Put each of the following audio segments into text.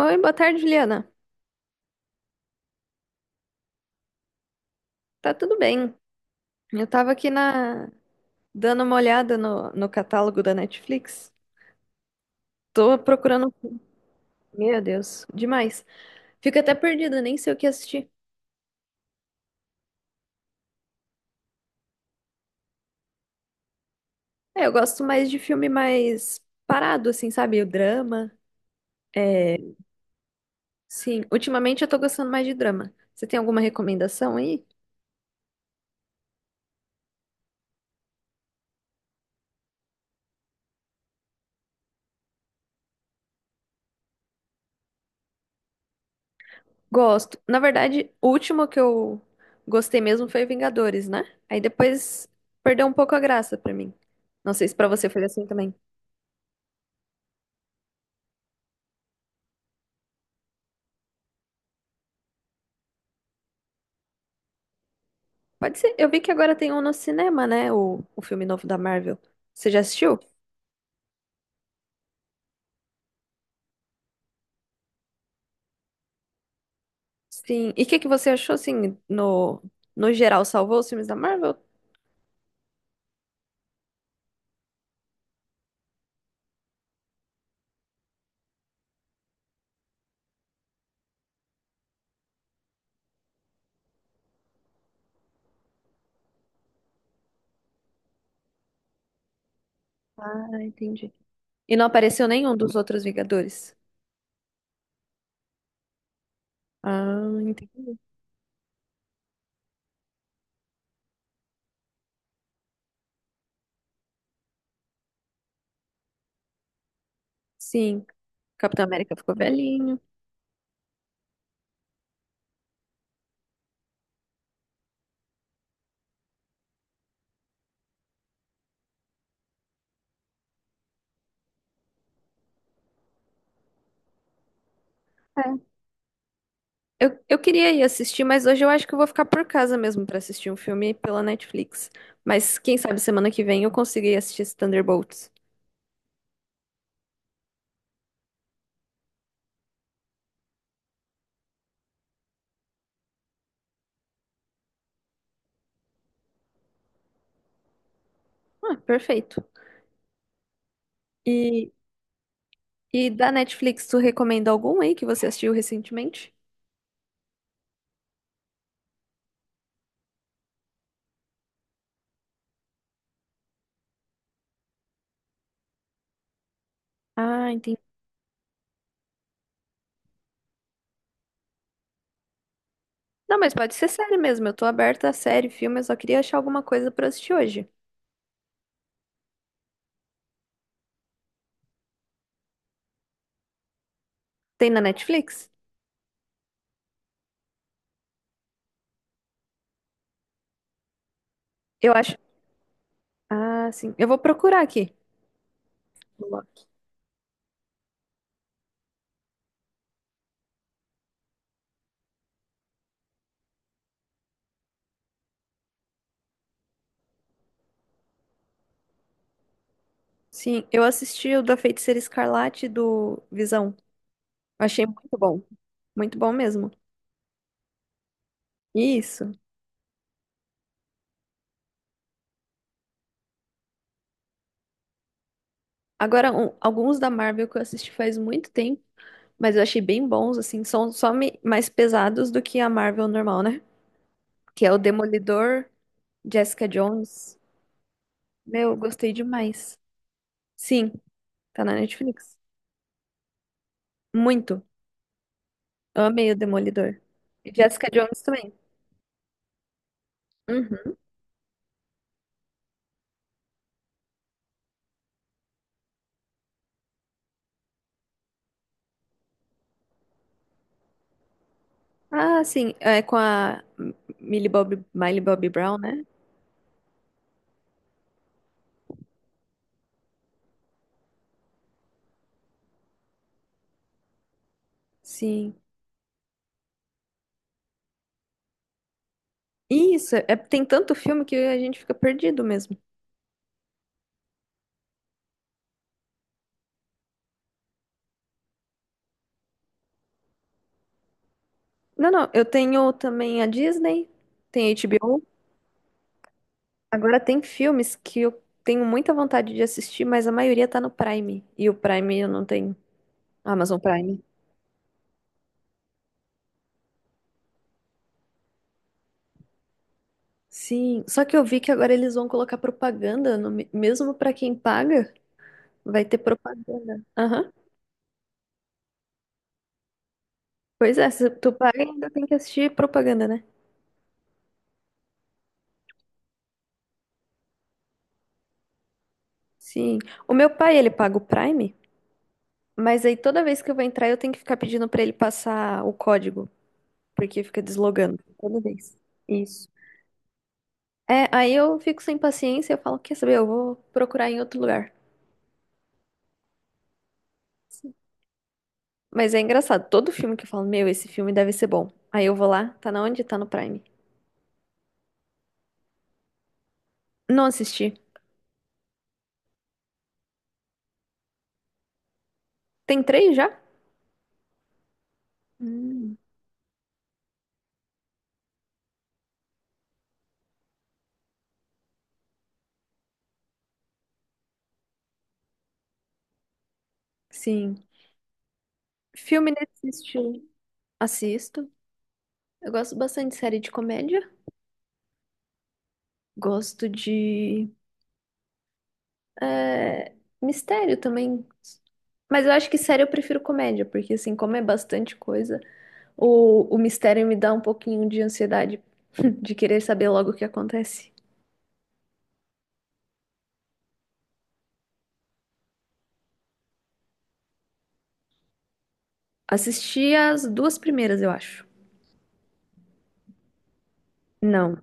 Oi, boa tarde, Juliana. Tá tudo bem? Eu tava aqui na dando uma olhada no catálogo da Netflix. Tô procurando um meu Deus, demais. Fico até perdida, nem sei o que assistir. É, eu gosto mais de filme mais parado, assim, sabe? O drama. É, sim, ultimamente eu tô gostando mais de drama. Você tem alguma recomendação aí? Gosto. Na verdade, o último que eu gostei mesmo foi Vingadores, né? Aí depois perdeu um pouco a graça pra mim. Não sei se pra você foi assim também. Pode ser. Eu vi que agora tem um no cinema, né? O filme novo da Marvel. Você já assistiu? Sim. E o que que você achou, assim, no geral? Salvou os filmes da Marvel? Ah, entendi. E não apareceu nenhum dos outros Vingadores? Ah, entendi. Sim. Capitão América ficou velhinho. É. Eu queria ir assistir, mas hoje eu acho que eu vou ficar por casa mesmo pra assistir um filme pela Netflix. Mas quem sabe semana que vem eu consegui assistir esse Thunderbolts. Ah, perfeito. E e da Netflix, tu recomenda algum aí que você assistiu recentemente? Ah, entendi. Não, mas pode ser série mesmo. Eu tô aberta a série, filme, eu só queria achar alguma coisa pra assistir hoje. Tem na Netflix? Eu acho. Ah, sim. Eu vou procurar aqui. Sim, eu assisti o da Feiticeira Escarlate do Visão. Achei muito bom. Muito bom mesmo. Isso. Agora, alguns da Marvel que eu assisti faz muito tempo, mas eu achei bem bons, assim. São só mais pesados do que a Marvel normal, né? Que é o Demolidor, Jessica Jones. Meu, gostei demais. Sim, tá na Netflix. Muito. Amei o Demolidor. E Jessica Jones também. Uhum. Ah, sim. É com a Millie Bobby Brown, né? Sim. Isso, é, tem tanto filme que a gente fica perdido mesmo. Não, não, eu tenho também a Disney, tem HBO. Agora tem filmes que eu tenho muita vontade de assistir, mas a maioria tá no Prime. E o Prime eu não tenho. Amazon Prime. Sim, só que eu vi que agora eles vão colocar propaganda no me- mesmo para quem paga, vai ter propaganda. Aham. Pois é, se tu paga ainda tem que assistir propaganda, né? Sim. O meu pai, ele paga o Prime, mas aí toda vez que eu vou entrar eu tenho que ficar pedindo para ele passar o código, porque fica deslogando toda vez. Isso. É, aí eu fico sem paciência, eu falo, quer saber, eu vou procurar em outro lugar. Sim. Mas é engraçado, todo filme que eu falo, meu, esse filme deve ser bom. Aí eu vou lá, tá na onde? Tá no Prime. Não assisti. Tem três já? Hum, sim. Filme nesse estilo. Assisto. Eu gosto bastante de série de comédia. Gosto de é, mistério também. Mas eu acho que série eu prefiro comédia, porque assim, como é bastante coisa, o mistério me dá um pouquinho de ansiedade de querer saber logo o que acontece. Assisti as duas primeiras, eu acho. Não.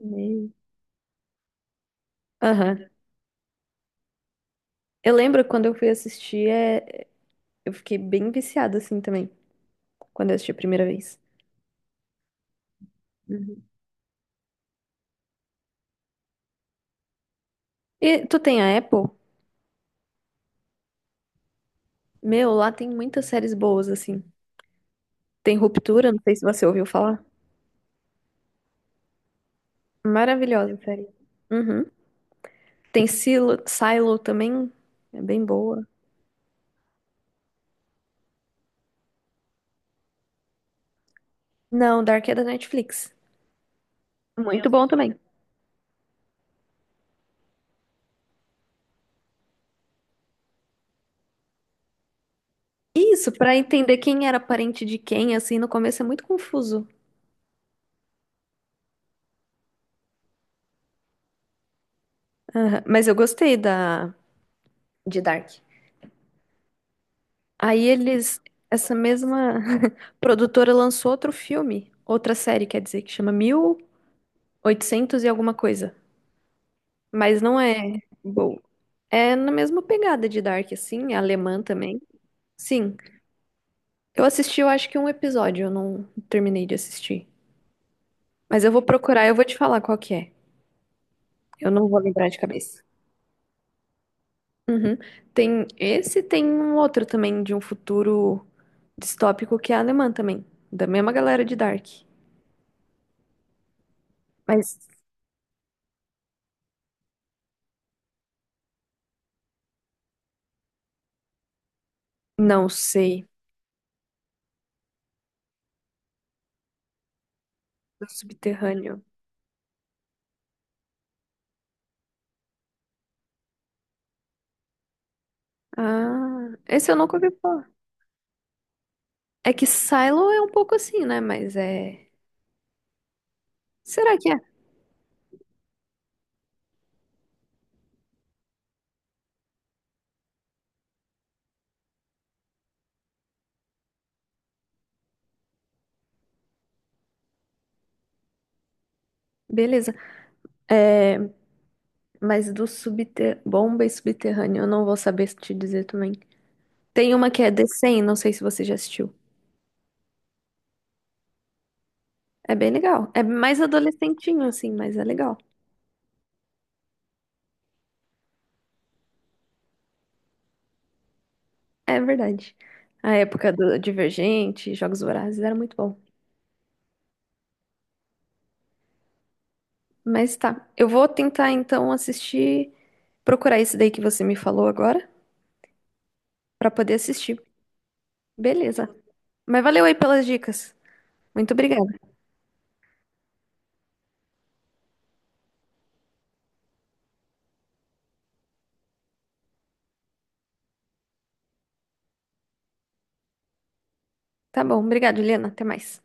Meio. Aham. Eu lembro quando eu fui assistir, eu fiquei bem viciada assim também, quando eu assisti a primeira vez. E tu tem a Apple? Meu, lá tem muitas séries boas, assim. Tem Ruptura, não sei se você ouviu falar. Maravilhosa a série. Uhum. Tem Silo também, é bem boa. Não, Dark é da Netflix. Muito bom também. Isso, pra entender quem era parente de quem, assim, no começo é muito confuso. Aham, mas eu gostei da de Dark. Aí eles, essa mesma produtora lançou outro filme, outra série, quer dizer, que chama Mil e Oitocentos e alguma coisa. Mas não é boa. É na mesma pegada de Dark, assim, alemã também. Sim, eu assisti, eu acho que um episódio, eu não terminei de assistir. Mas eu vou procurar, eu vou te falar qual que é. Eu não vou lembrar de cabeça. Uhum. Tem esse, tem um outro também de um futuro distópico que é alemã também, da mesma galera de Dark. Mas não sei, do subterrâneo. Ah, esse eu nunca ouvi falar. É que Silo é um pouco assim, né? Mas é. Será que é? Beleza. É, mas do subter... bomba e subterrâneo, eu não vou saber te dizer também. Tem uma que é The 100, não sei se você já assistiu. É bem legal. É mais adolescentinho, assim, mas é legal. É verdade. A época do Divergente, Jogos Vorazes, era muito bom. Mas tá, eu vou tentar então assistir, procurar esse daí que você me falou agora, pra poder assistir. Beleza. Mas valeu aí pelas dicas. Muito obrigada. Tá bom, obrigada, Helena. Até mais.